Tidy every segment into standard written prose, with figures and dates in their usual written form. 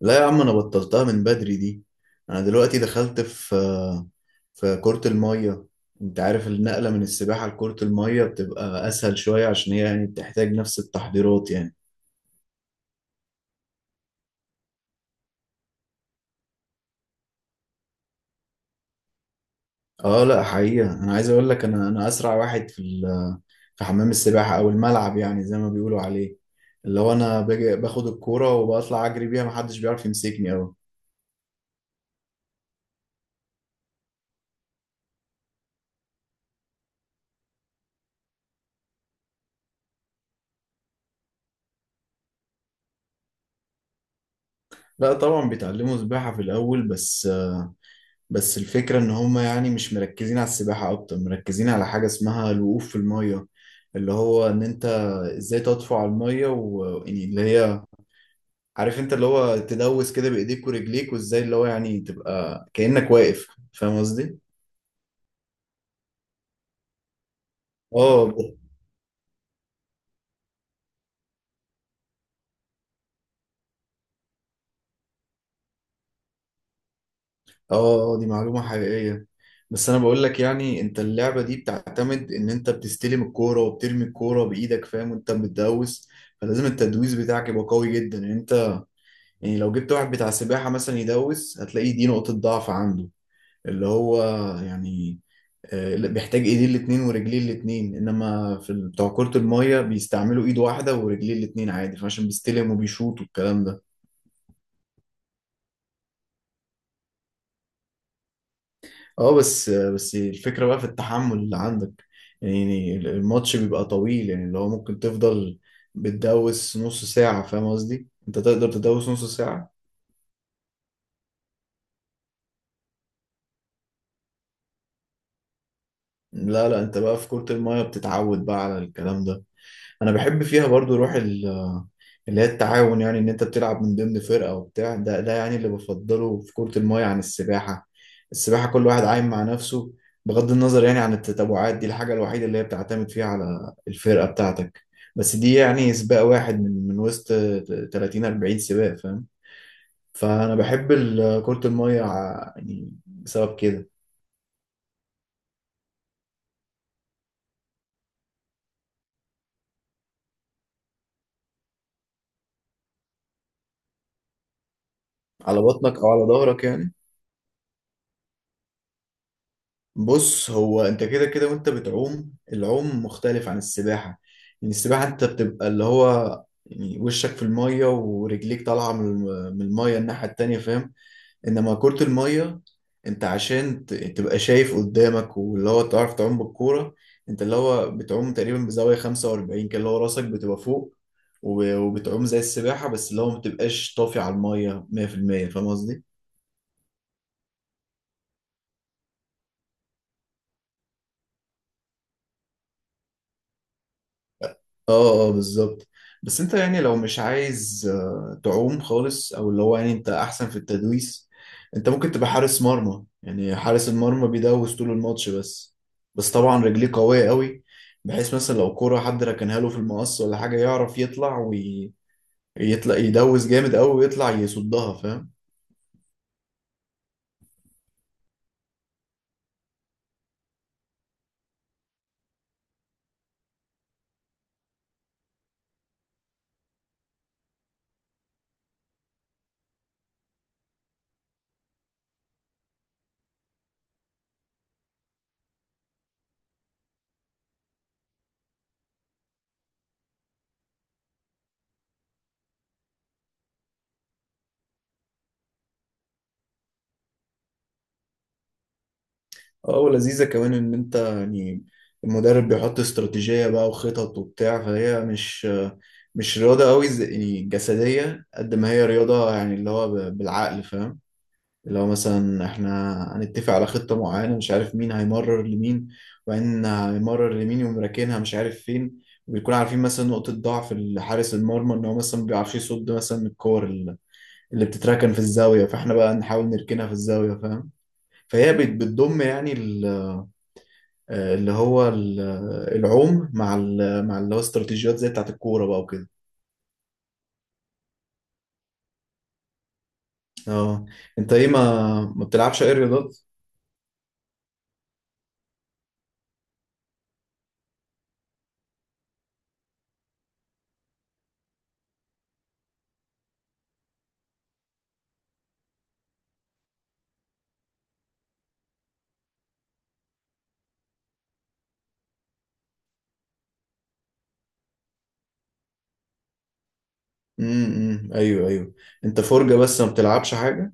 لا يا عم، انا بطلتها من بدري دي. انا دلوقتي دخلت في كرة المية. انت عارف النقلة من السباحة لكرة المية بتبقى اسهل شوية، عشان هي يعني بتحتاج نفس التحضيرات يعني. اه، لا، حقيقة. انا عايز اقول لك، انا اسرع واحد في حمام السباحة او الملعب، يعني زي ما بيقولوا عليه. اللي هو انا باجي باخد الكورة وبطلع اجري بيها، محدش بيعرف يمسكني اوي. لا طبعا بيتعلموا سباحة في الاول. بس الفكرة إن هما يعني مش مركزين على السباحة، أكتر مركزين على حاجة اسمها الوقوف في المية. اللي هو إن أنت، إزاي تطفو على المية يعني اللي هي، عارف أنت اللي هو تدوس كده بإيديك ورجليك، وإزاي اللي هو يعني تبقى كأنك واقف. فاهم قصدي؟ آه، آه، آه، دي معلومة حقيقية. بس أنا بقول لك، يعني أنت اللعبة دي بتعتمد إن أنت بتستلم الكورة وبترمي الكورة بإيدك، فاهم، وأنت بتدوس. فلازم التدويس بتاعك يبقى قوي جدا يعني. يعني لو جبت واحد بتاع سباحة مثلا يدوس، هتلاقي دي نقطة ضعف عنده. اللي هو يعني، بيحتاج ايديه الاتنين ورجليه الاتنين، انما بتوع كرة المية بيستعملوا ايد واحدة ورجليه الاتنين عادي، فعشان بيستلم وبيشوط والكلام ده. اه، بس الفكرة بقى في التحمل اللي عندك. يعني الماتش بيبقى طويل، يعني اللي هو ممكن تفضل بتدوس نص ساعة. فاهم قصدي؟ انت تقدر تدوس نص ساعة؟ لا، لا، انت بقى في كرة المية بتتعود بقى على الكلام ده. انا بحب فيها برضو روح اللي هي التعاون. يعني ان انت بتلعب من ضمن فرقة وبتاع ده يعني اللي بفضله في كرة الماية عن السباحة. السباحة كل واحد عايم مع نفسه، بغض النظر يعني عن التتابعات. دي الحاجة الوحيدة اللي هي بتعتمد فيها على الفرقة بتاعتك. بس دي يعني سباق واحد من وسط 30 40 سباق، فاهم. فانا بحب كرة الماية يعني بسبب كده. على بطنك او على ظهرك يعني. بص، هو انت كده كده وانت بتعوم، العوم مختلف عن السباحة. يعني السباحة انت بتبقى اللي هو يعني وشك في المية، ورجليك طالعة من المية الناحية التانية، فاهم. انما كرة المية، انت عشان تبقى شايف قدامك، واللي هو تعرف تعوم بالكورة. انت اللي هو بتعوم تقريبا بزاوية 45 كده، اللي هو راسك بتبقى فوق، وبتعوم زي السباحة، بس اللي هو ما بتبقاش طافي على المية 100%. فاهم قصدي؟ اه، اه، بالظبط. بس انت يعني لو مش عايز تعوم خالص، او اللي هو يعني انت احسن في التدويس، انت ممكن تبقى حارس مرمى. يعني حارس المرمى بيدوس طول الماتش. بس طبعا رجليه قوية قوي، بحيث مثلا لو كرة حد ركنها له في المقص ولا حاجة، يعرف يطلع، ويطلع يدوس جامد قوي ويطلع يصدها، فاهم. اه، ولذيذة كمان ان انت يعني المدرب بيحط استراتيجية بقى وخطط وبتاع، فهي مش رياضة قوي يعني جسدية قد ما هي رياضة، يعني اللي هو بالعقل، فاهم. اللي هو مثلا احنا هنتفق على خطة معينة، مش عارف مين هيمرر لمين، وبعدين هيمرر لمين يقوم راكنها مش عارف فين. وبيكون عارفين مثلا نقطة ضعف حارس المرمى، ان هو مثلا ما بيعرفش يصد مثلا من الكور اللي بتتركن في الزاوية، فاحنا بقى نحاول نركنها في الزاوية، فاهم. فهي بتضم يعني، اللي هو العوم مع اللي هو استراتيجيات زي بتاعت الكورة بقى وكده. اه، انت ايه، ما بتلعبش اي رياضات؟ ايوه، ايوه. انت فرجة بس ما بتلعبش حاجة؟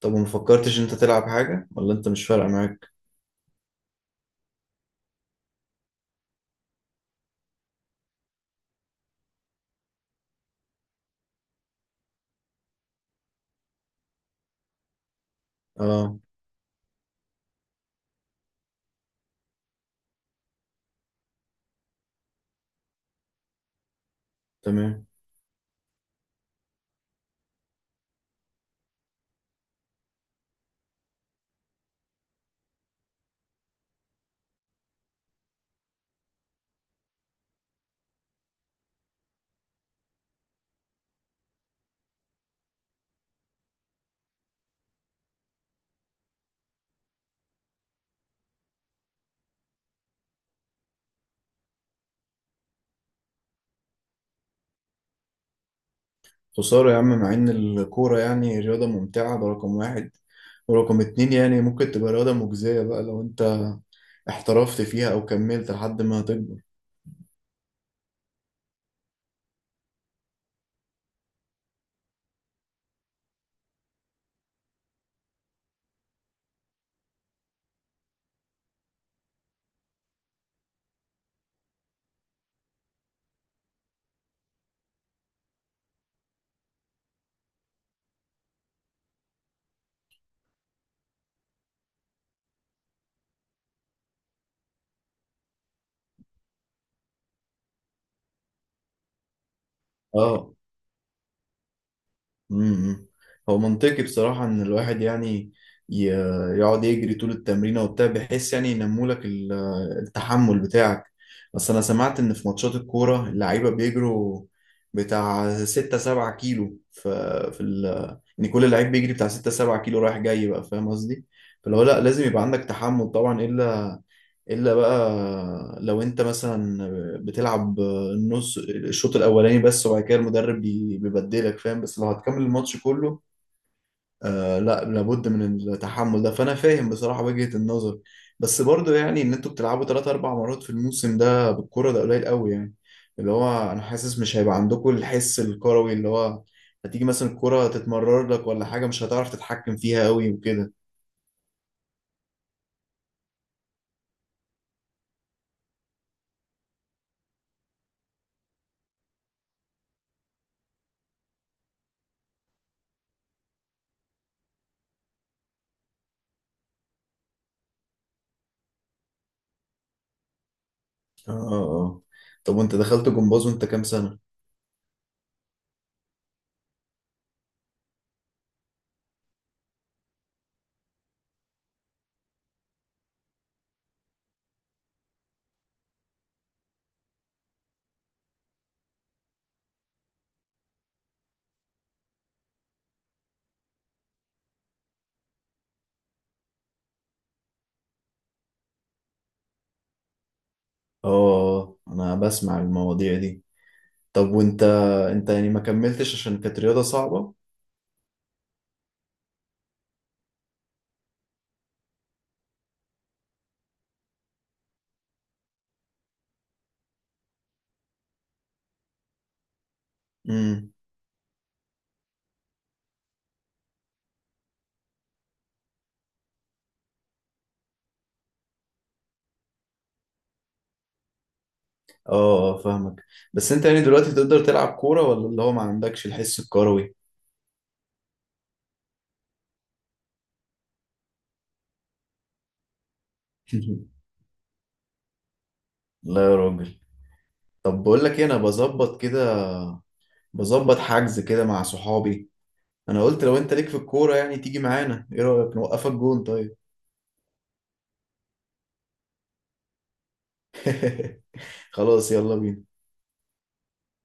طب وما فكرتش انت تلعب حاجة، ولا انت مش فارقة معاك؟ اه. تمام. خسارة يا عم، مع ان الكورة يعني رياضة ممتعة، ده رقم واحد، ورقم اتنين يعني ممكن تبقى رياضة مجزية بقى لو انت احترفت فيها او كملت لحد ما تكبر. اه. امم هو منطقي بصراحة إن الواحد يعني ي- يقعد يجري طول التمرين وبتاع، بحيث يعني ينمولك التحمل بتاعك. بس أنا سمعت إن في ماتشات الكورة اللعيبة بيجروا بتاع ستة سبعة كيلو، ف- في ال إن كل لعيب بيجري بتاع ستة سبعة كيلو رايح جاي بقى. فاهم قصدي؟ فلو لأ لازم يبقى عندك تحمل طبعا، إلا بقى لو انت مثلا بتلعب النص، الشوط الاولاني بس، وبعد كده المدرب بيبدلك، فاهم. بس لو هتكمل الماتش كله، آه، لا لابد من التحمل ده. فانا فاهم بصراحة وجهة النظر. بس برضو يعني ان انتوا بتلعبوا ثلاث اربع مرات في الموسم، ده بالكرة ده قليل قوي يعني. اللي هو انا حاسس مش هيبقى عندكم الحس الكروي، اللي هو هتيجي مثلا الكرة تتمرر لك ولا حاجة، مش هتعرف تتحكم فيها قوي وكده. اه، اه، آه. طب وانت دخلت جمباز وانت كام سنة؟ اه، انا بسمع المواضيع دي. طب وانت، انت يعني ما كملتش عشان كانت رياضة صعبة؟ امم. اه، آه، فاهمك. بس انت يعني دلوقتي تقدر تلعب كورة، ولا اللي هو ما عندكش الحس الكروي؟ لا يا راجل. طب بقول لك ايه، انا بظبط كده، بظبط حجز كده مع صحابي. انا قلت لو انت ليك في الكورة يعني تيجي معانا. ايه رأيك نوقفك جون؟ طيب. خلاص، يلا بينا.